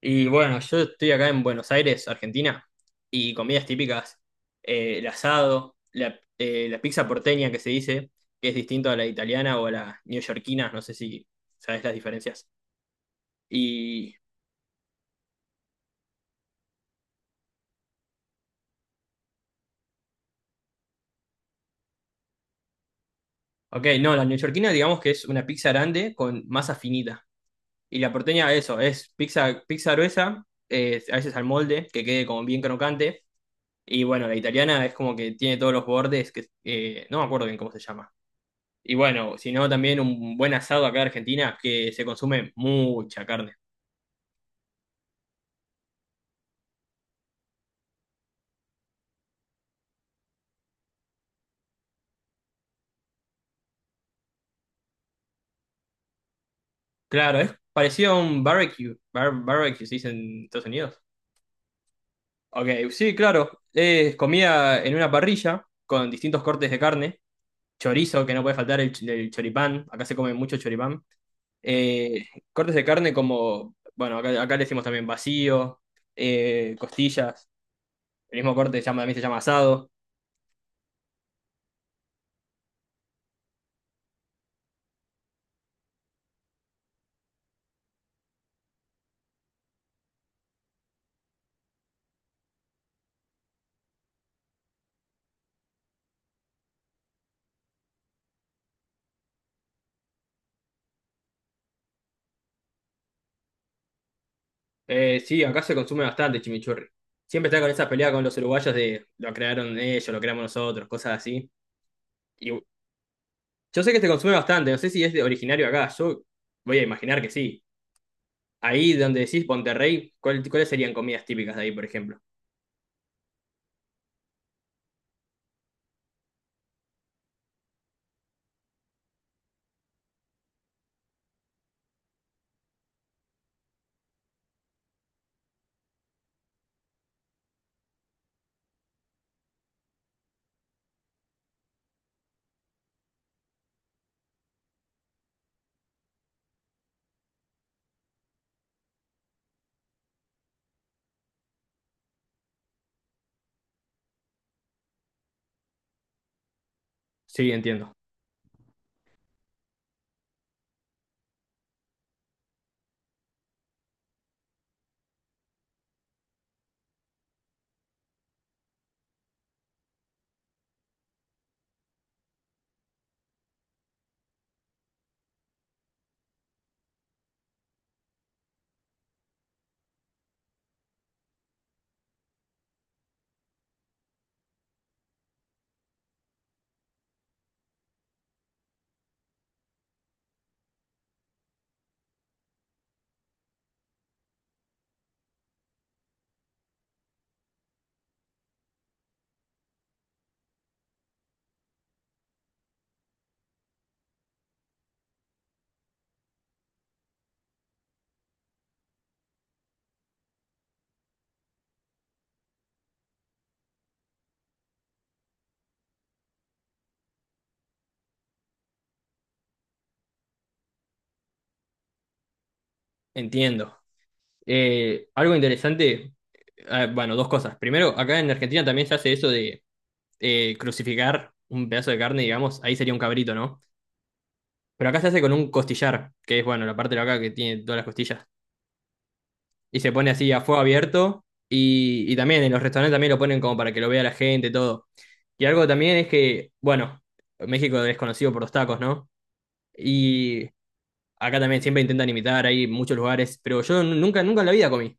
Y bueno, yo estoy acá en Buenos Aires, Argentina, y comidas típicas, el asado, la, la pizza porteña que se dice, que es distinto a la italiana o a la neoyorquina, no sé si sabes las diferencias. Y, ok, no, la neoyorquina digamos que es una pizza grande con masa finita. Y la porteña, eso, es pizza gruesa, a veces al molde, que quede como bien crocante. Y bueno, la italiana es como que tiene todos los bordes, que no me acuerdo bien cómo se llama. Y bueno, si no, también un buen asado acá en Argentina, que se consume mucha carne. Claro, es parecido a un barbecue. Barbecue se dice en Estados Unidos. Ok, sí, claro. Es comida en una parrilla con distintos cortes de carne. Chorizo, que no puede faltar el choripán. Acá se come mucho choripán. Eh, cortes de carne como, bueno, acá le decimos también vacío, costillas. El mismo corte se llama, también se llama asado. Sí, acá se consume bastante chimichurri. Siempre está con esa pelea con los uruguayos de lo crearon ellos, lo creamos nosotros, cosas así. Y yo sé que se consume bastante, no sé si es de originario acá, yo voy a imaginar que sí. Ahí donde decís Monterrey, ¿cuáles serían comidas típicas de ahí, por ejemplo? Sí, entiendo. Entiendo. Algo interesante, bueno, dos cosas. Primero, acá en Argentina también se hace eso de crucificar un pedazo de carne, digamos, ahí sería un cabrito, ¿no? Pero acá se hace con un costillar, que es, bueno, la parte de acá que tiene todas las costillas. Y se pone así a fuego abierto. Y también en los restaurantes también lo ponen como para que lo vea la gente, todo. Y algo también es que, bueno, México es conocido por los tacos, ¿no? Y acá también siempre intentan imitar, hay muchos lugares, pero yo nunca, nunca en la vida comí.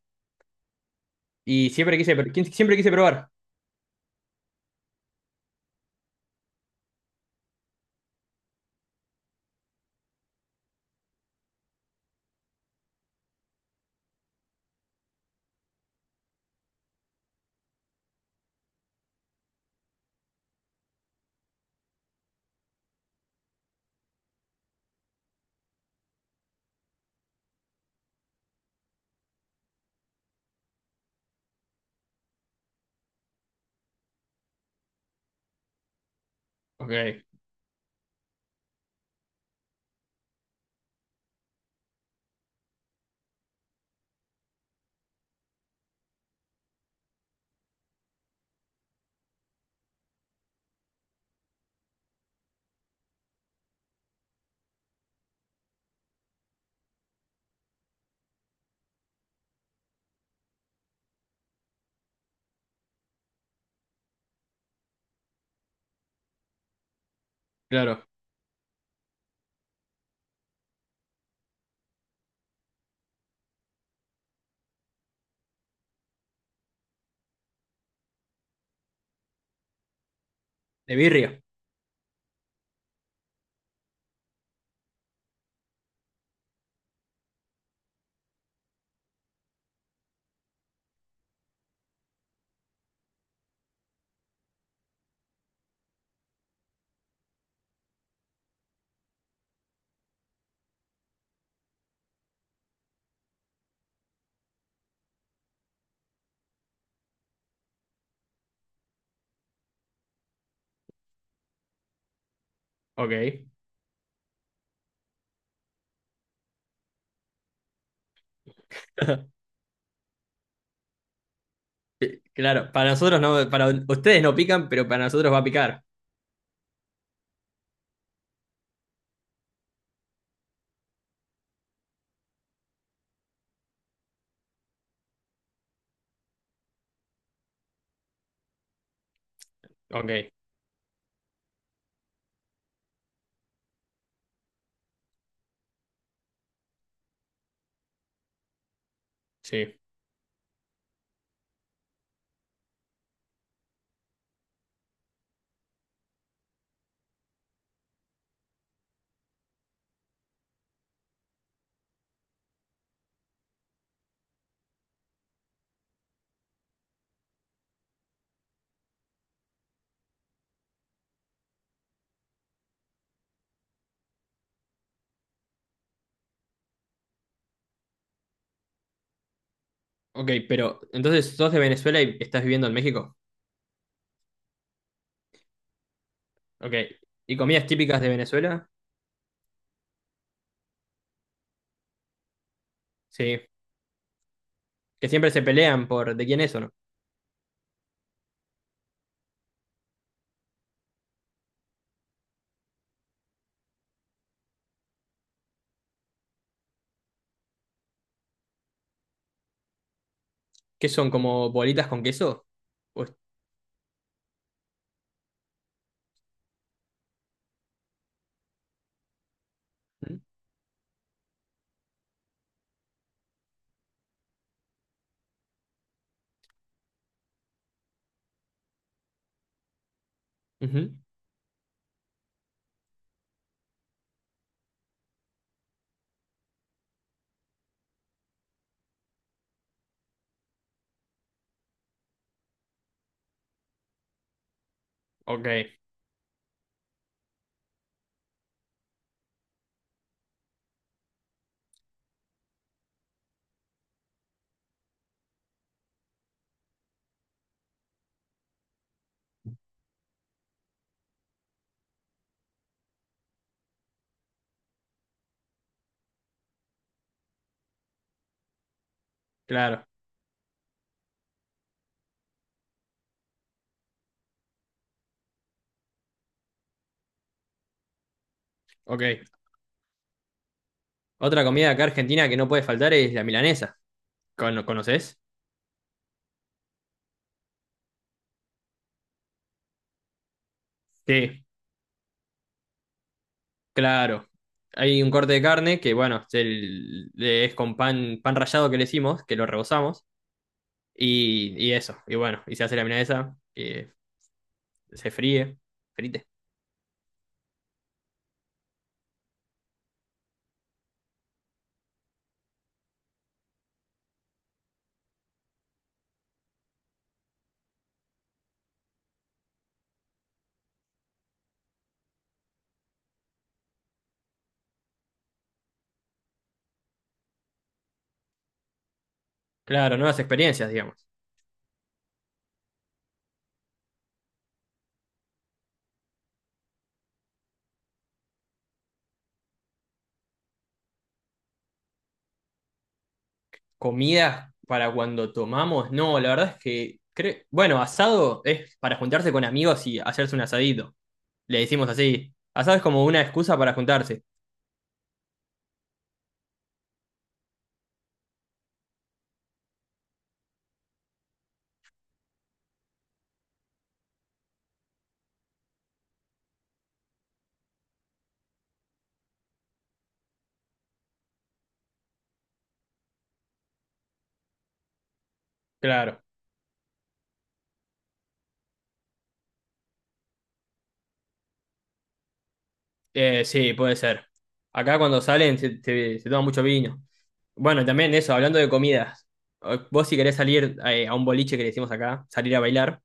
Y siempre quise, siempre quise probar. Ok, claro. De birria. Ok. Claro, para nosotros no, para ustedes no pican, pero para nosotros va a picar. Ok, sí. Ok, pero entonces sos de Venezuela y estás viviendo en México. Ok. ¿Y comidas típicas de Venezuela? Sí. Que siempre se pelean por de quién es o no. ¿Qué son como bolitas con queso? Pues- Ujú. Ok, claro. Ok. Otra comida acá argentina que no puede faltar es la milanesa. ¿Conoces? Sí, claro. Hay un corte de carne que, bueno, es, es con pan, pan rallado que le hicimos, que lo rebozamos. Y eso. Y bueno, y se hace la milanesa, que se fríe. Frite. Claro, nuevas experiencias, digamos. Comidas para cuando tomamos, no, la verdad es que, bueno, asado es para juntarse con amigos y hacerse un asadito. Le decimos así. Asado es como una excusa para juntarse. Claro. Sí, puede ser. Acá cuando salen se toma mucho vino. Bueno, también eso, hablando de comidas. Vos si querés salir a un boliche que le decimos acá, salir a bailar,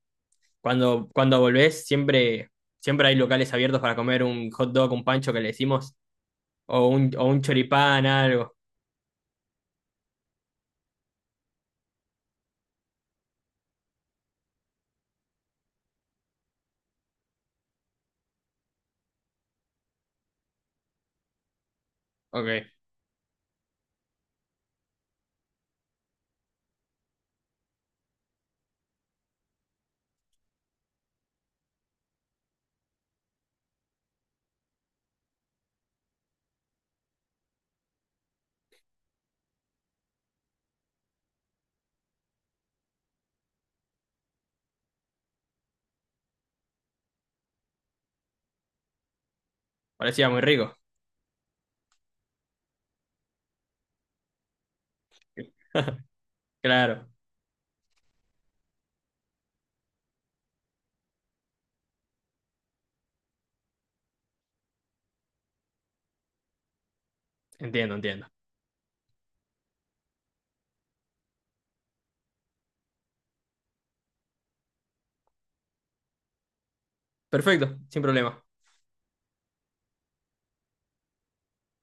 cuando, cuando volvés siempre, siempre hay locales abiertos para comer un hot dog, un pancho que le decimos, o o un choripán, algo. Ok. Parecía muy rico. Claro, entiendo, entiendo. Perfecto, sin problema.